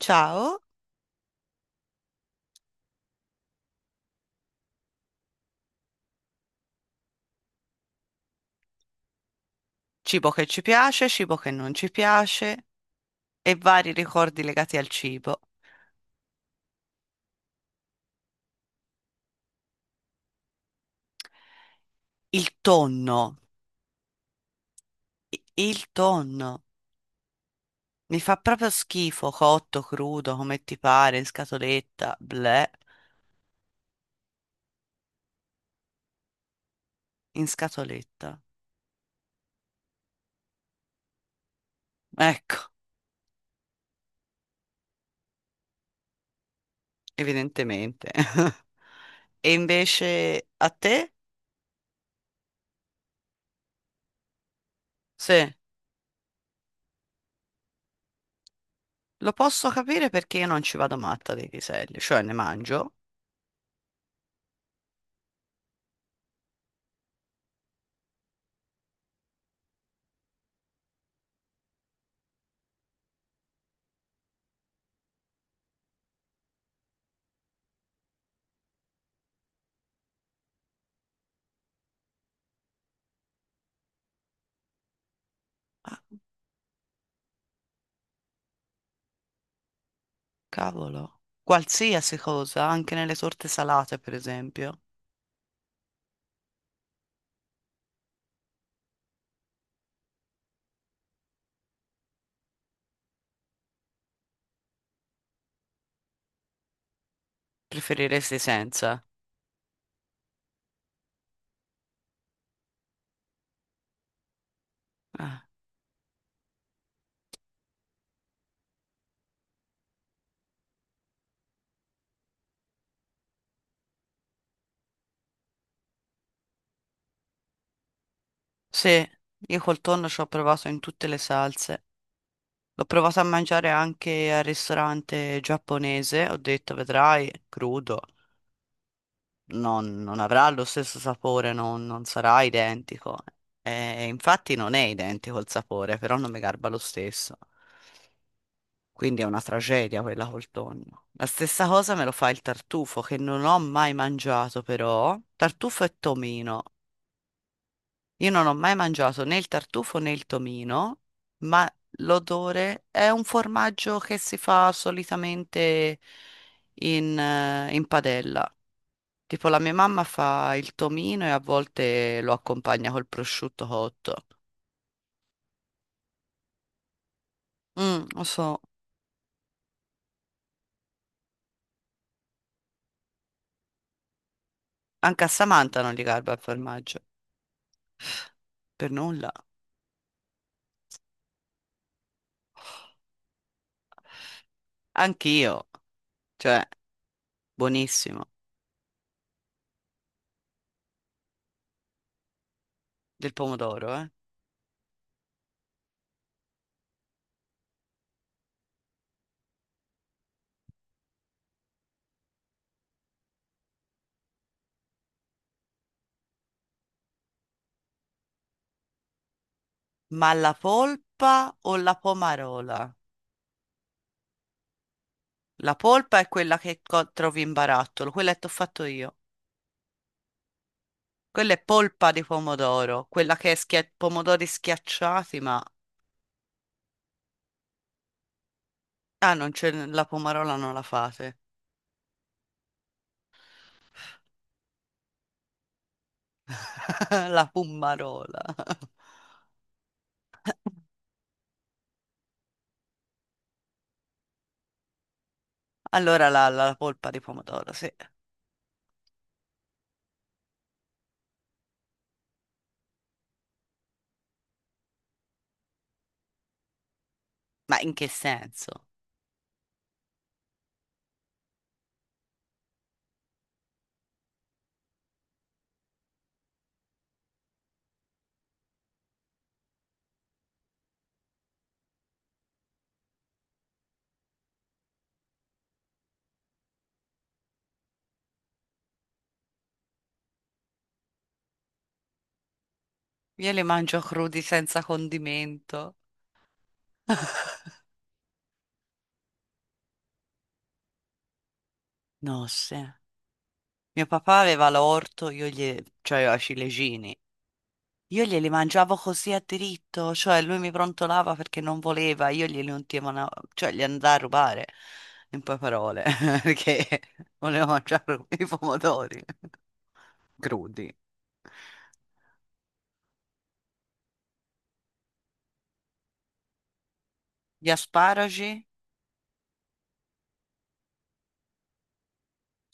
Ciao, cibo che ci piace, cibo che non ci piace e vari ricordi legati al cibo. Il tonno, il tonno. Mi fa proprio schifo, cotto, crudo, come ti pare, in scatoletta, bleh, in scatoletta. Ecco, evidentemente. E invece a te? Sì. Lo posso capire perché io non ci vado matta dei piselli, cioè ne mangio, ah, cavolo, qualsiasi cosa, anche nelle torte salate, per esempio. Preferiresti senza? Ah, sì, io col tonno ci ho provato in tutte le salse. L'ho provato a mangiare anche al ristorante giapponese, ho detto, vedrai, crudo. Non avrà lo stesso sapore, non sarà identico. Infatti non è identico il sapore, però non mi garba lo stesso. Quindi è una tragedia quella col tonno. La stessa cosa me lo fa il tartufo, che non ho mai mangiato però. Tartufo e tomino. Io non ho mai mangiato né il tartufo né il tomino, ma l'odore è un formaggio che si fa solitamente in, in padella. Tipo la mia mamma fa il tomino e a volte lo accompagna col prosciutto cotto. Mm, lo so. Anche a Samantha non gli garba il formaggio. Per nulla. Anch'io. Cioè, buonissimo. Del pomodoro, eh. Ma la polpa o la pomarola? La polpa è quella che trovi in barattolo, quella che ti ho fatto io. Quella è polpa di pomodoro, quella che è pomodori schiacciati, ma... Ah, non c'è, la pomarola non la fate. La pomarola. Allora la polpa di pomodoro, sì. Ma in che senso? Io le mangio crudi senza condimento. No, sì. Mio papà aveva l'orto, io gli... cioè aveva i ciliegini. Io glieli mangiavo così a diritto, cioè lui mi prontolava perché non voleva, io glieli ultimavo, cioè gli andai a rubare, in poche parole, perché volevo mangiare i pomodori crudi. Gli asparagi,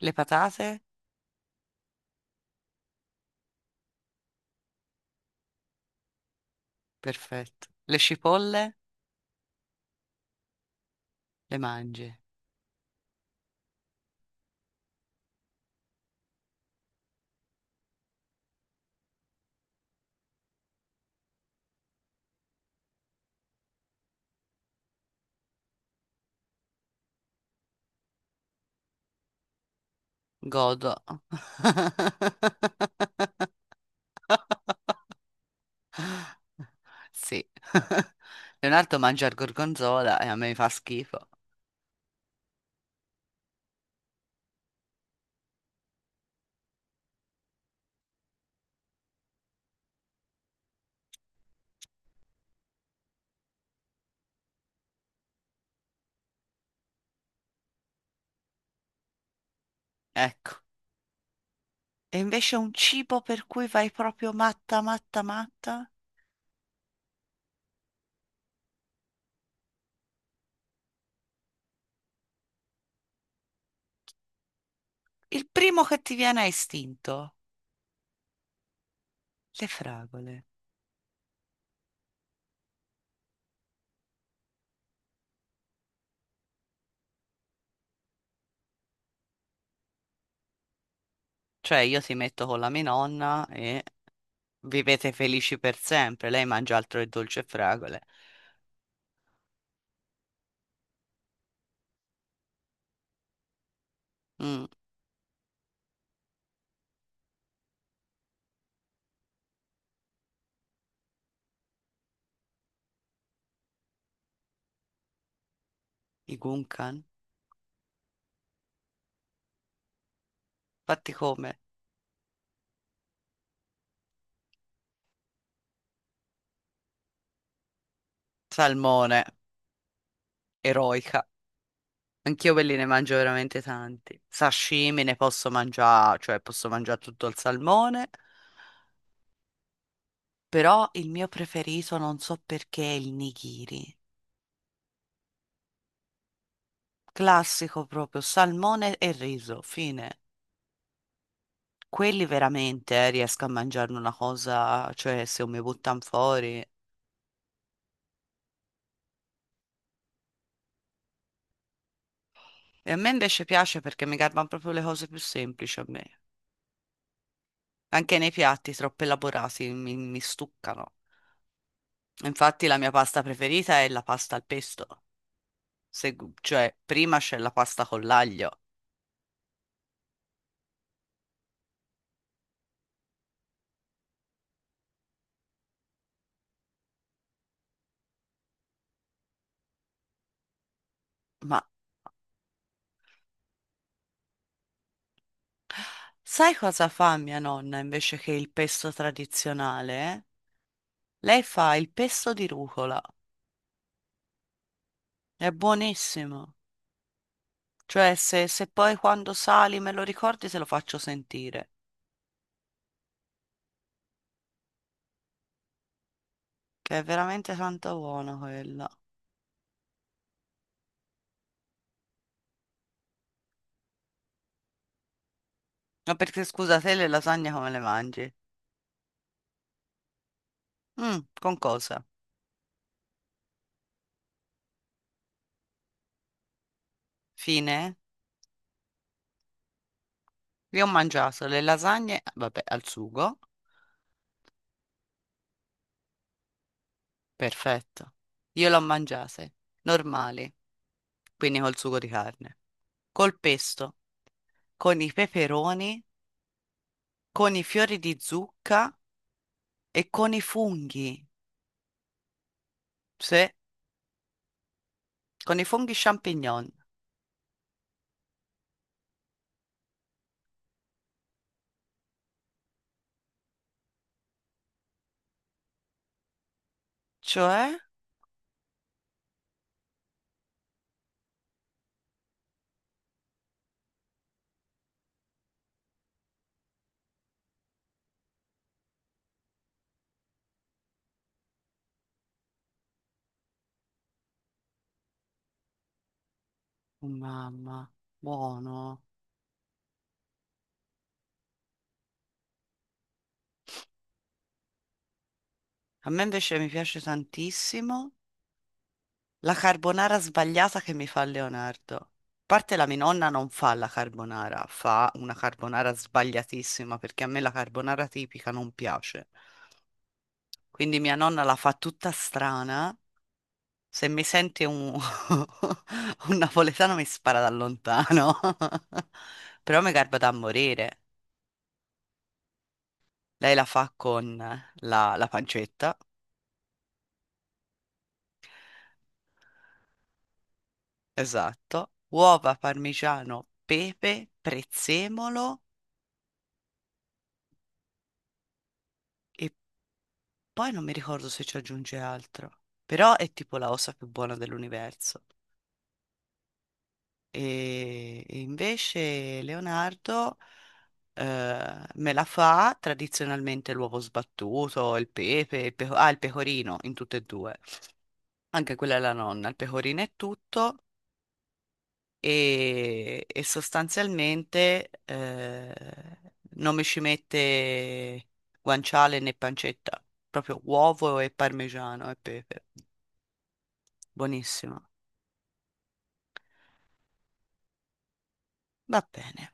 le patate, perfetto. Le cipolle, le mangi. Godo. Sì. Leonardo mangia il gorgonzola e a me fa schifo. Ecco. E invece un cibo per cui vai proprio matta, matta, matta? Il primo che ti viene a istinto? Le fragole. Cioè, io ti metto con la mia nonna e vivete felici per sempre. Lei mangia altro che dolce e fragole. Mm, i gunkan. Fatti come? Salmone. Eroica. Anch'io quelli ne mangio veramente tanti. Sashimi ne posso mangiare, cioè posso mangiare tutto il salmone, però il mio preferito non so perché è il nigiri. Classico proprio, salmone e riso, fine. Quelli veramente riesco a mangiarne una cosa, cioè se mi buttano fuori. E a me invece piace perché mi garbano proprio le cose più semplici a me. Anche nei piatti troppo elaborati mi stuccano. Infatti la mia pasta preferita è la pasta al pesto. se- cioè prima c'è la pasta con l'aglio, ma sai cosa fa mia nonna invece che il pesto tradizionale? Lei fa il pesto di rucola, è buonissimo. Cioè, se poi quando sali me lo ricordi, te lo faccio sentire, che è veramente tanto buono quella. Ma perché scusa, te le lasagne come le mangi? Mm, con cosa? Fine? Io ho mangiato le lasagne, vabbè, al sugo, perfetto. Io le ho mangiate, normali. Quindi col sugo di carne, col pesto, con i peperoni, con i fiori di zucca e con i funghi, sì, con i funghi champignon. Cioè, oh mamma, buono. A me invece mi piace tantissimo la carbonara sbagliata che mi fa Leonardo. A parte la mia nonna non fa la carbonara, fa una carbonara sbagliatissima perché a me la carbonara tipica non piace. Quindi mia nonna la fa tutta strana. Se mi sente un, un napoletano mi spara da lontano. Però mi garba da morire. Lei la fa con la pancetta, esatto, uova, parmigiano, pepe, prezzemolo e poi non mi ricordo se ci aggiunge altro. Però è tipo la cosa più buona dell'universo. E invece Leonardo me la fa tradizionalmente l'uovo sbattuto, il pepe, il il pecorino in tutte e due. Anche quella è la nonna, il pecorino è tutto e sostanzialmente non mi ci mette guanciale né pancetta, proprio uovo e parmigiano e pepe. Buonissimo. Va bene.